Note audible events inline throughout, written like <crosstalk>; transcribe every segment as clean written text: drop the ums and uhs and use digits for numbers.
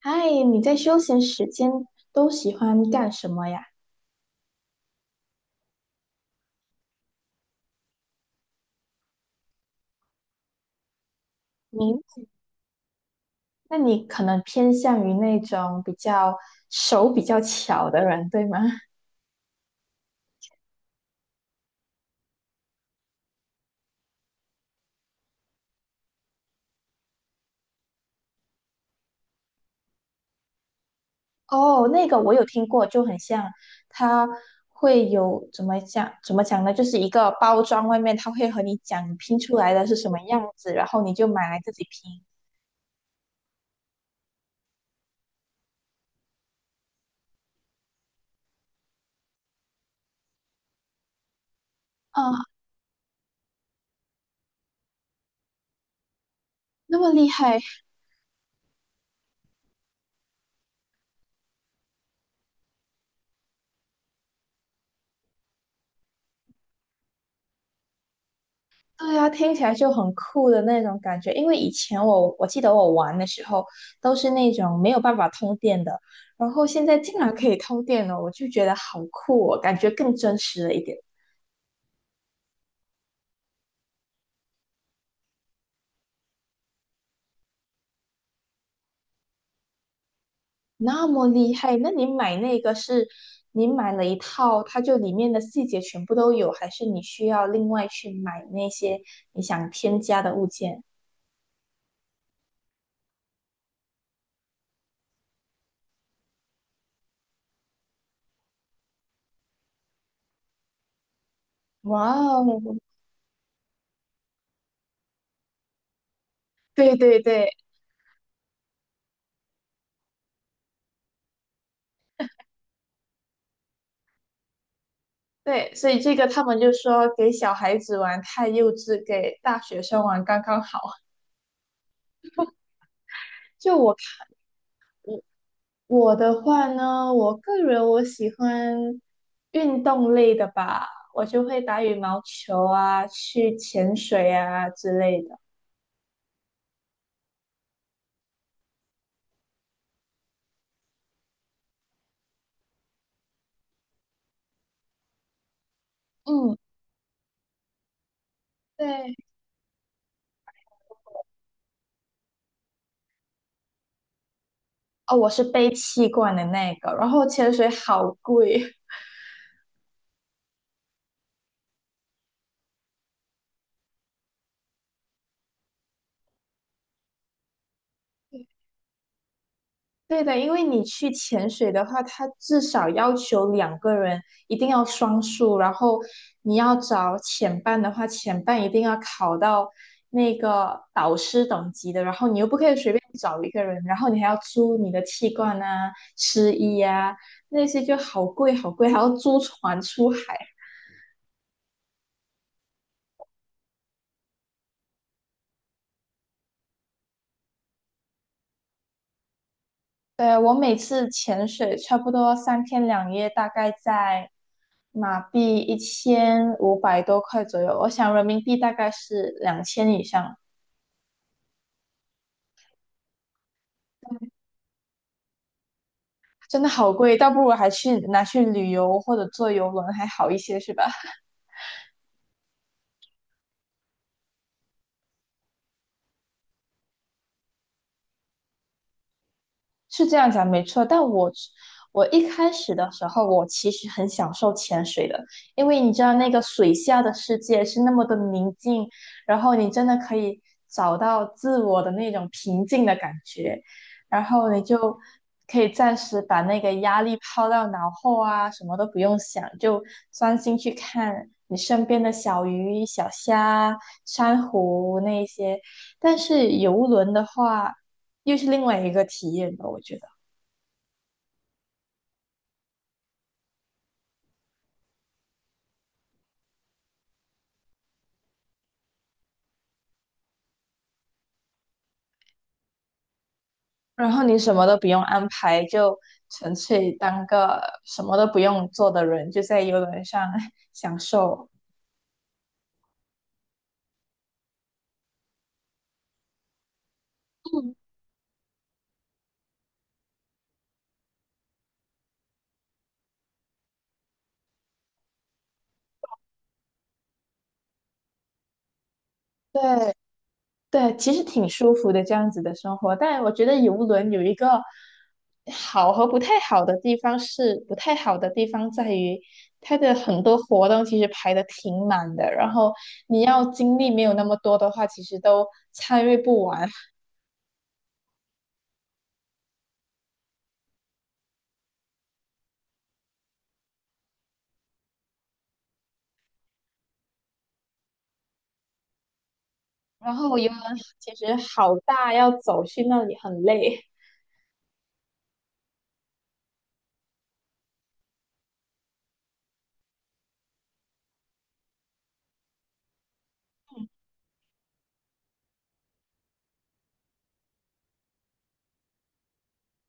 嗨，你在休闲时间都喜欢干什么呀？你，那你可能偏向于那种比较手比较巧的人，对吗？哦，那个我有听过，就很像，他会有怎么讲呢？就是一个包装外面，他会和你讲你拼出来的是什么样子，然后你就买来自己拼。啊，那么厉害！对呀，听起来就很酷的那种感觉。因为以前我记得我玩的时候都是那种没有办法通电的，然后现在竟然可以通电了，我就觉得好酷哦，感觉更真实了一点。那么厉害，那你买那个是你买了一套，它就里面的细节全部都有，还是你需要另外去买那些你想添加的物件？哇哦，对对对，对，所以这个他们就说给小孩子玩太幼稚，给大学生玩刚刚好。就我看我的话呢，我个人我喜欢运动类的吧，我就会打羽毛球啊，去潜水啊之类的。嗯，对，哦，我是背气罐的那个，然后潜水好贵，对的，因为你去潜水的话，它至少要求两个人一定要双数，然后你要找潜伴的话，潜伴一定要考到那个导师等级的，然后你又不可以随便找一个人，然后你还要租你的气罐啊、湿衣啊，那些就好贵好贵，还要租船出海。对，我每次潜水差不多三天两夜，大概在马币1500多块左右，我想人民币大概是两千以上，真的好贵，倒不如还去拿去旅游或者坐游轮还好一些，是吧？是这样讲没错，但我一开始的时候，我其实很享受潜水的，因为你知道那个水下的世界是那么的宁静，然后你真的可以找到自我的那种平静的感觉，然后你就可以暂时把那个压力抛到脑后啊，什么都不用想，就专心去看你身边的小鱼、小虾、珊瑚那一些。但是游轮的话，又是另外一个体验吧，我觉得。然后你什么都不用安排，就纯粹当个什么都不用做的人，就在游轮上 <laughs> 享受。嗯，对对，其实挺舒服的这样子的生活。但我觉得游轮有一个好和不太好的地方是，不太好的地方在于它的很多活动其实排的挺满的，然后你要精力没有那么多的话，其实都参与不完。然后我游泳其实好大，要走去那里很累。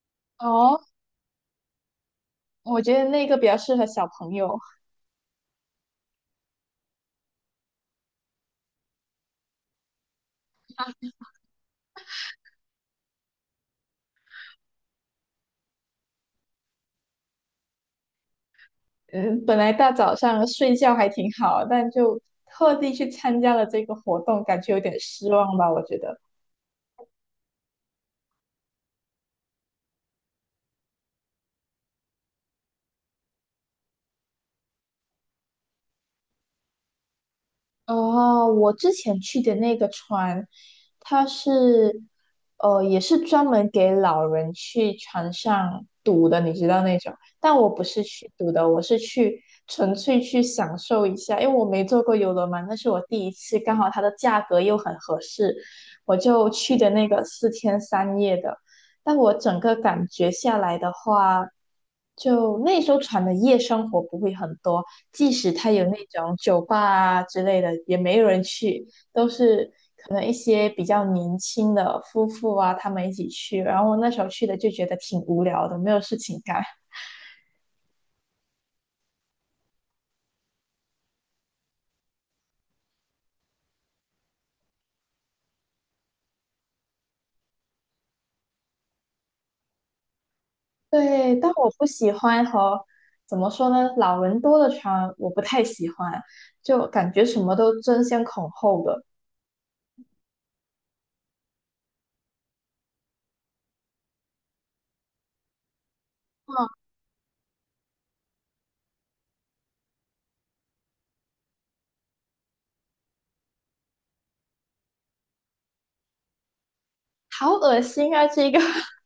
<laughs> 哦，我觉得那个比较适合小朋友。嗯，本来大早上睡觉还挺好，但就特地去参加了这个活动，感觉有点失望吧，我觉得。哦，我之前去的那个船，它是，也是专门给老人去船上赌的，你知道那种。但我不是去赌的，我是去纯粹去享受一下，因为我没坐过游轮嘛，那是我第一次，刚好它的价格又很合适，我就去的那个四天三夜的。但我整个感觉下来的话，就那艘船的夜生活不会很多，即使它有那种酒吧啊之类的，也没有人去，都是可能一些比较年轻的夫妇啊，他们一起去。然后我那时候去的就觉得挺无聊的，没有事情干。<laughs> 对，但我不喜欢和怎么说呢，老人多的船我不太喜欢，就感觉什么都争先恐后的，嗯，好恶心啊，这个。<laughs>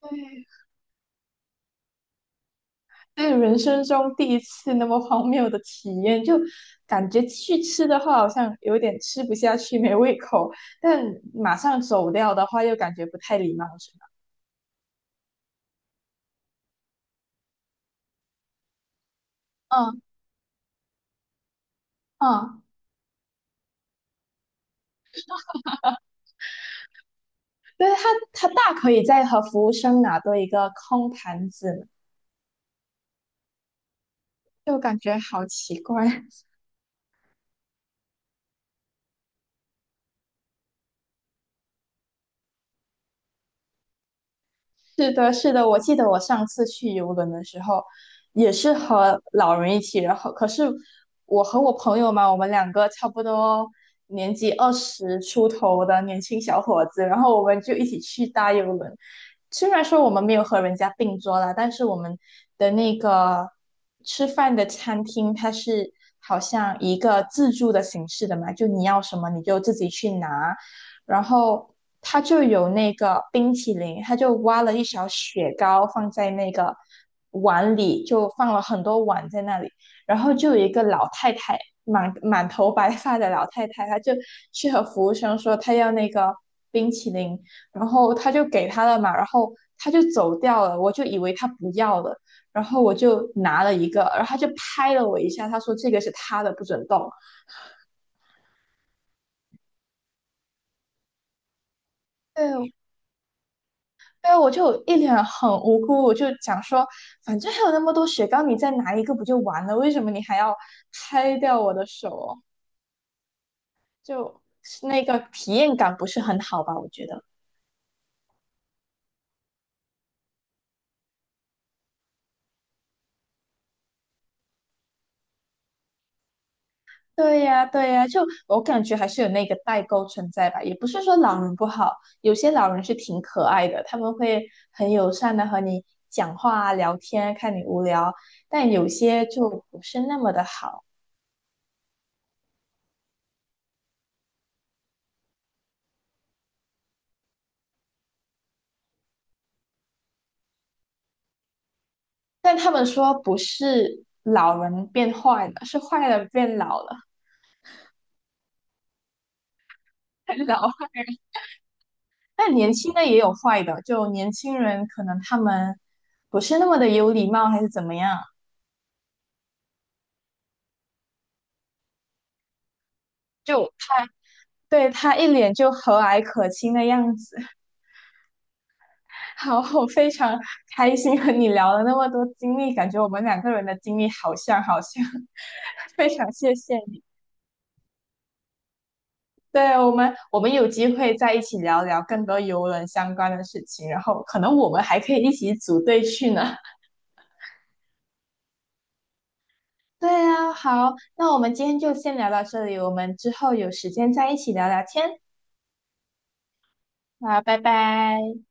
对，对人生中第一次那么荒谬的体验，就感觉去吃的话好像有点吃不下去，没胃口；但马上走掉的话又感觉不太礼貌，是吧？嗯嗯，对，他大可以再和服务生拿多一个空盘子呢就感觉好奇怪。是的，是的，我记得我上次去游轮的时候，也是和老人一起，然后可是我和我朋友嘛，我们两个差不多年纪二十出头的年轻小伙子，然后我们就一起去搭游轮。虽然说我们没有和人家并桌啦，但是我们的那个吃饭的餐厅，它是好像一个自助的形式的嘛，就你要什么你就自己去拿，然后他就有那个冰淇淋，他就挖了一勺雪糕放在那个碗里，就放了很多碗在那里。然后就有一个老太太，满满头白发的老太太，她就去和服务生说她要那个冰淇淋，然后她就给她了嘛，然后她就走掉了，我就以为她不要了，然后我就拿了一个，然后她就拍了我一下，她说这个是她的，不准动。对，对，我就一脸很无辜，我就讲说，反正还有那么多雪糕，你再拿一个不就完了？为什么你还要拍掉我的手哦就是那个体验感不是很好吧？我觉得。对呀，对呀，就我感觉还是有那个代沟存在吧。也不是说老人不好，有些老人是挺可爱的，他们会很友善的和你讲话啊、聊天，看你无聊，但有些就不是那么的好。但他们说不是老人变坏了，是坏人变老了，太老了。但年轻的也有坏的，就年轻人可能他们不是那么的有礼貌，还是怎么样，就他对他一脸就和蔼可亲的样子。<laughs> 好，我非常开心和你聊了那么多经历，感觉我们两个人的经历好像好像，<laughs> 非常谢谢你。对，我们有机会再一起聊聊更多邮轮相关的事情，然后可能我们还可以一起组队去呢。<laughs> 对啊，好，那我们今天就先聊到这里，我们之后有时间再一起聊聊天。啊，拜拜。